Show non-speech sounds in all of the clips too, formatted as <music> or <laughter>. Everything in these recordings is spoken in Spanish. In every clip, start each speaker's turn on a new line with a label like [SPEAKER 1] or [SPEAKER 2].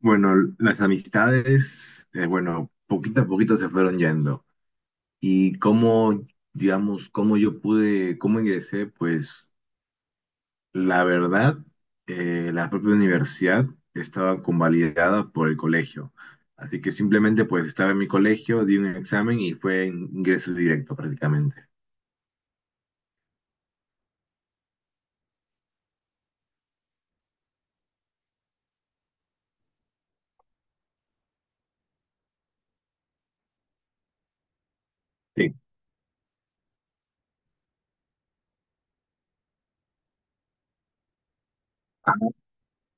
[SPEAKER 1] Bueno, las amistades, bueno, poquito a poquito se fueron yendo. Y cómo, digamos, cómo yo pude, cómo ingresé, pues la verdad, la propia universidad estaba convalidada por el colegio. Así que simplemente pues estaba en mi colegio, di un examen y fue ingreso directo prácticamente. Sí. Ah,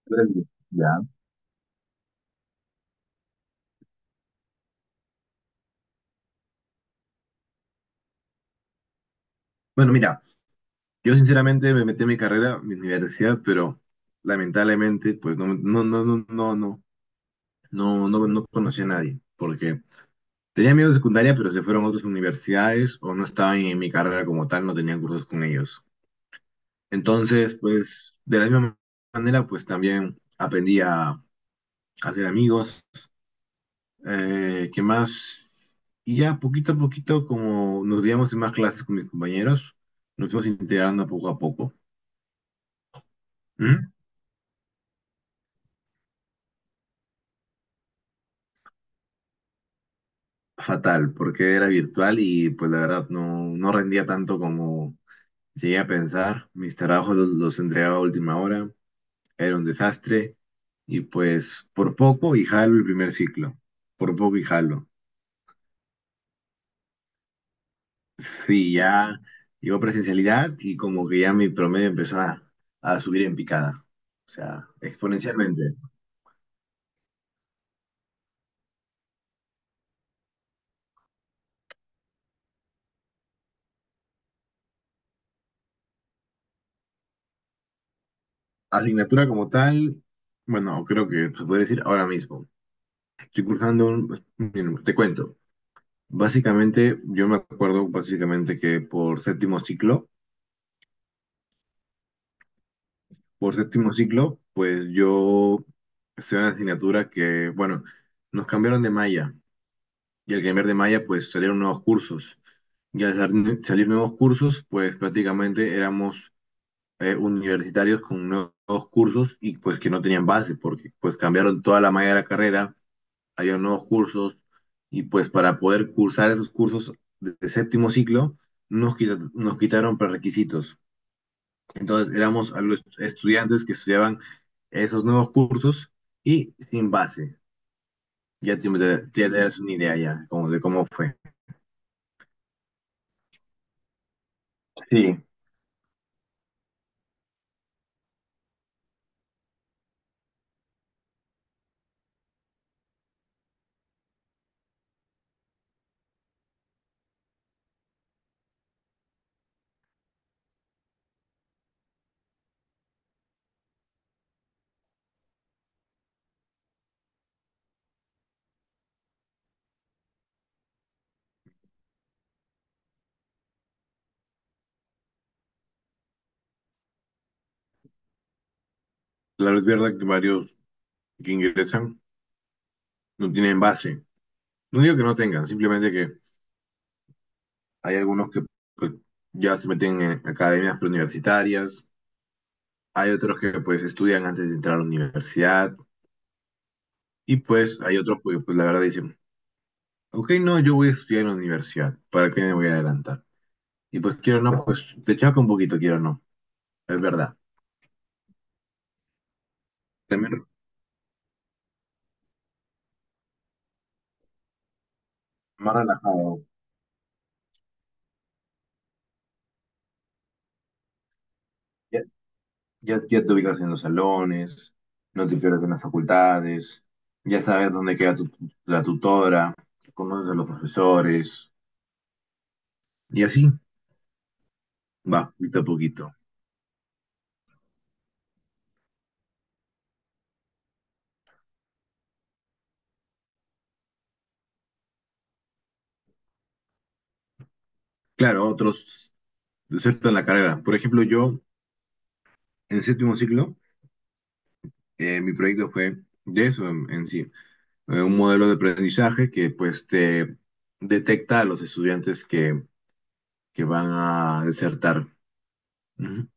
[SPEAKER 1] pues, ya. Bueno, mira, yo sinceramente me metí en mi carrera, mi universidad, pero lamentablemente, pues no, no, no, no, no, no. No, no, no conocí a nadie, porque tenía amigos de secundaria, pero se fueron a otras universidades o no estaban en mi carrera como tal, no tenían cursos con ellos. Entonces, pues, de la misma manera, pues también aprendí a hacer amigos, ¿qué más? Y ya poquito a poquito, como nos díamos en más clases con mis compañeros, nos fuimos integrando poco a poco. ¿Mm? Fatal, porque era virtual y pues la verdad no, no rendía tanto como llegué a pensar. Mis trabajos los entregaba a última hora. Era un desastre y pues por poco y jalo el primer ciclo, por poco y jalo. <laughs> Sí, ya llegó presencialidad y como que ya mi promedio empezó a subir en picada, o sea, exponencialmente. Asignatura como tal, bueno, creo que se puede decir ahora mismo. Estoy cursando miren, te cuento. Básicamente, yo me acuerdo básicamente que por séptimo ciclo, pues yo estoy en una asignatura que, bueno, nos cambiaron de malla y al cambiar de malla, pues salieron nuevos cursos. Y al salir nuevos cursos, pues prácticamente éramos, universitarios con nuevos cursos y pues que no tenían base, porque pues cambiaron toda la malla de la carrera, había nuevos cursos y pues para poder cursar esos cursos de séptimo ciclo, nos quitaron prerequisitos. Entonces éramos algunos estudiantes que estudiaban esos nuevos cursos y sin base. Ya te das una idea ya como de cómo fue. Sí, la verdad que varios que ingresan no tienen base. No digo que no tengan, simplemente que hay algunos que ya se meten en academias preuniversitarias, hay otros que pues estudian antes de entrar a la universidad y pues hay otros que pues la verdad dicen, ok, no, yo voy a estudiar en la universidad, ¿para qué me voy a adelantar? Y pues quiero o no, pues te chaco un poquito, quiero o no. Es verdad. También más relajado. Ya, ya, ya te ubicas en los salones, no te pierdes en las facultades, ya sabes dónde queda tu, la tutora, conoces a los profesores, y así va, poquito a poquito. Claro, otros desertan la carrera. Por ejemplo, yo en séptimo ciclo, mi proyecto fue de eso en sí, un modelo de aprendizaje que pues te detecta a los estudiantes que van a desertar. Ujú.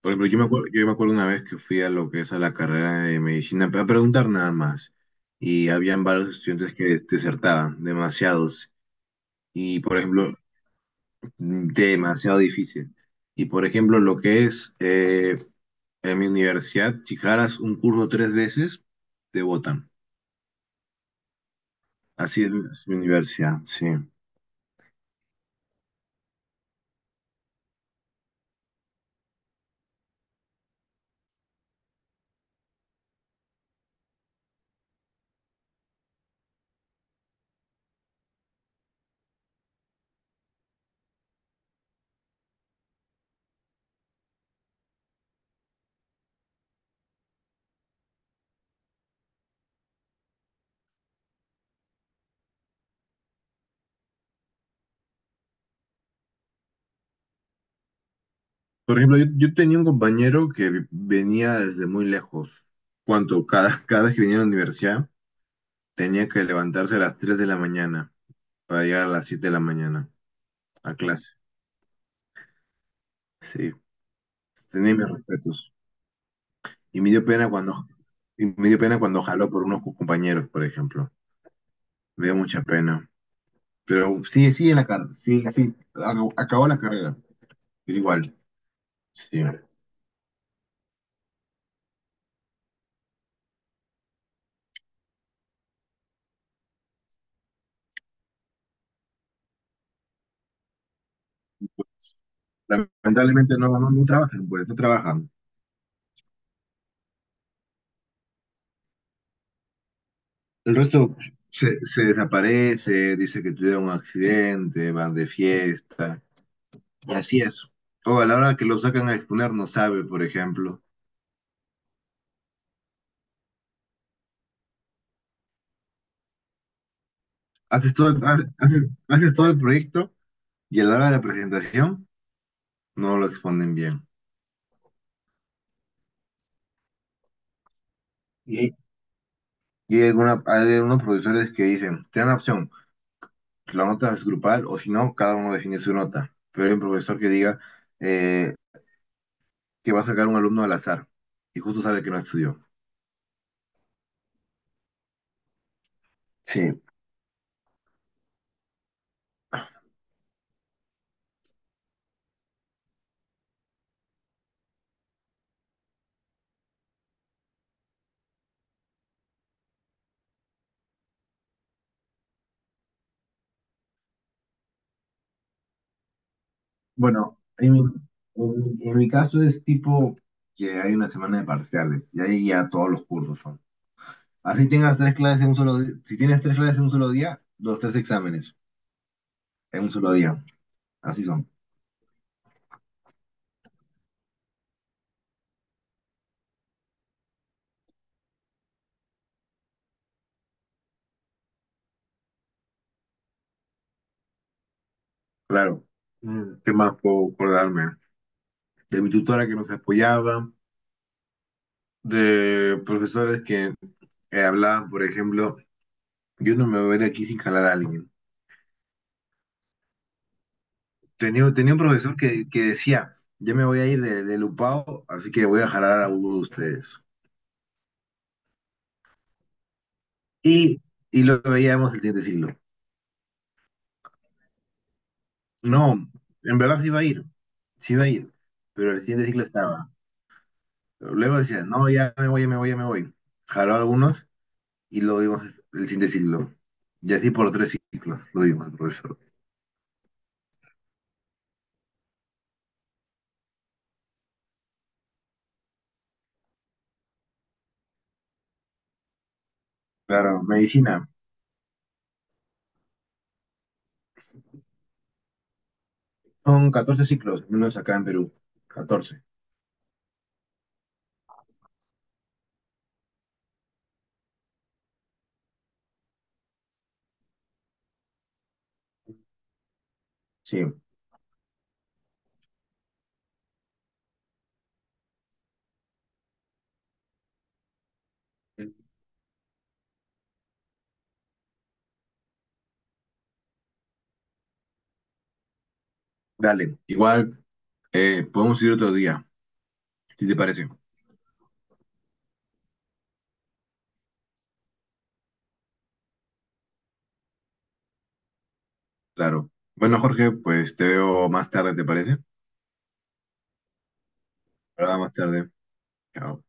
[SPEAKER 1] Por ejemplo, yo me acuerdo una vez que fui a lo que es a la carrera de medicina a preguntar nada más. Y habían varios estudiantes que desertaban, demasiados. Y, por ejemplo, demasiado difícil. Y, por ejemplo, lo que es en mi universidad, si jalas un curso 3 veces, te votan. Así es, mi universidad, sí. Por ejemplo, yo tenía un compañero que venía desde muy lejos. Cuanto cada, <laughs> cada vez que venía a la universidad, tenía que levantarse a las 3 de la mañana para llegar a las 7 de la mañana a clase. Sí, tenía mis respetos. Y me dio pena cuando, y me dio pena cuando jaló por unos compañeros, por ejemplo. Me dio mucha pena. Pero sí, sí en la carrera, sí, sí, acabó la carrera, pero igual, sí. Lamentablemente no, no, no trabajan, pues, no trabajan. El resto se desaparece, dice que tuvieron un accidente, van de fiesta, y así es. O a la hora que lo sacan a exponer no sabe, por ejemplo. Haces todo el proyecto y a la hora de la presentación no lo exponen bien. Y, y hay algunos profesores que dicen, te dan la opción, pues, la nota es grupal o si no, cada uno define su nota. Pero hay un profesor que diga eh, que va a sacar un alumno al azar y justo sale que no estudió. Sí. Bueno, en mi caso es tipo que hay una semana de parciales y ahí ya todos los cursos son. Así tengas tres clases en un solo día, si tienes tres clases en un solo día, los tres exámenes. En un solo día. Así son. Claro. ¿Qué más puedo acordarme? De mi tutora que nos apoyaba, de profesores que hablaban, por ejemplo, yo no me voy de aquí sin jalar a alguien. Tenía un profesor que decía, ya me voy a ir de Lupao, así que voy a jalar a uno de ustedes. Y, y lo veíamos el siguiente siglo. No, en verdad sí va a ir, sí va a ir, pero el siguiente Siglo estaba. Luego decía, no, ya me voy, ya me voy, ya me voy. Jaló a algunos y lo vimos el siguiente ciclo. Y así por 3 ciclos lo vimos, profesor. Claro, medicina. Son 14 ciclos, al menos acá en Perú. 14 sí. Dale, igual podemos ir otro día, si te parece. Claro. Bueno, Jorge, pues te veo más tarde, ¿te parece? Ahora más tarde. Chao.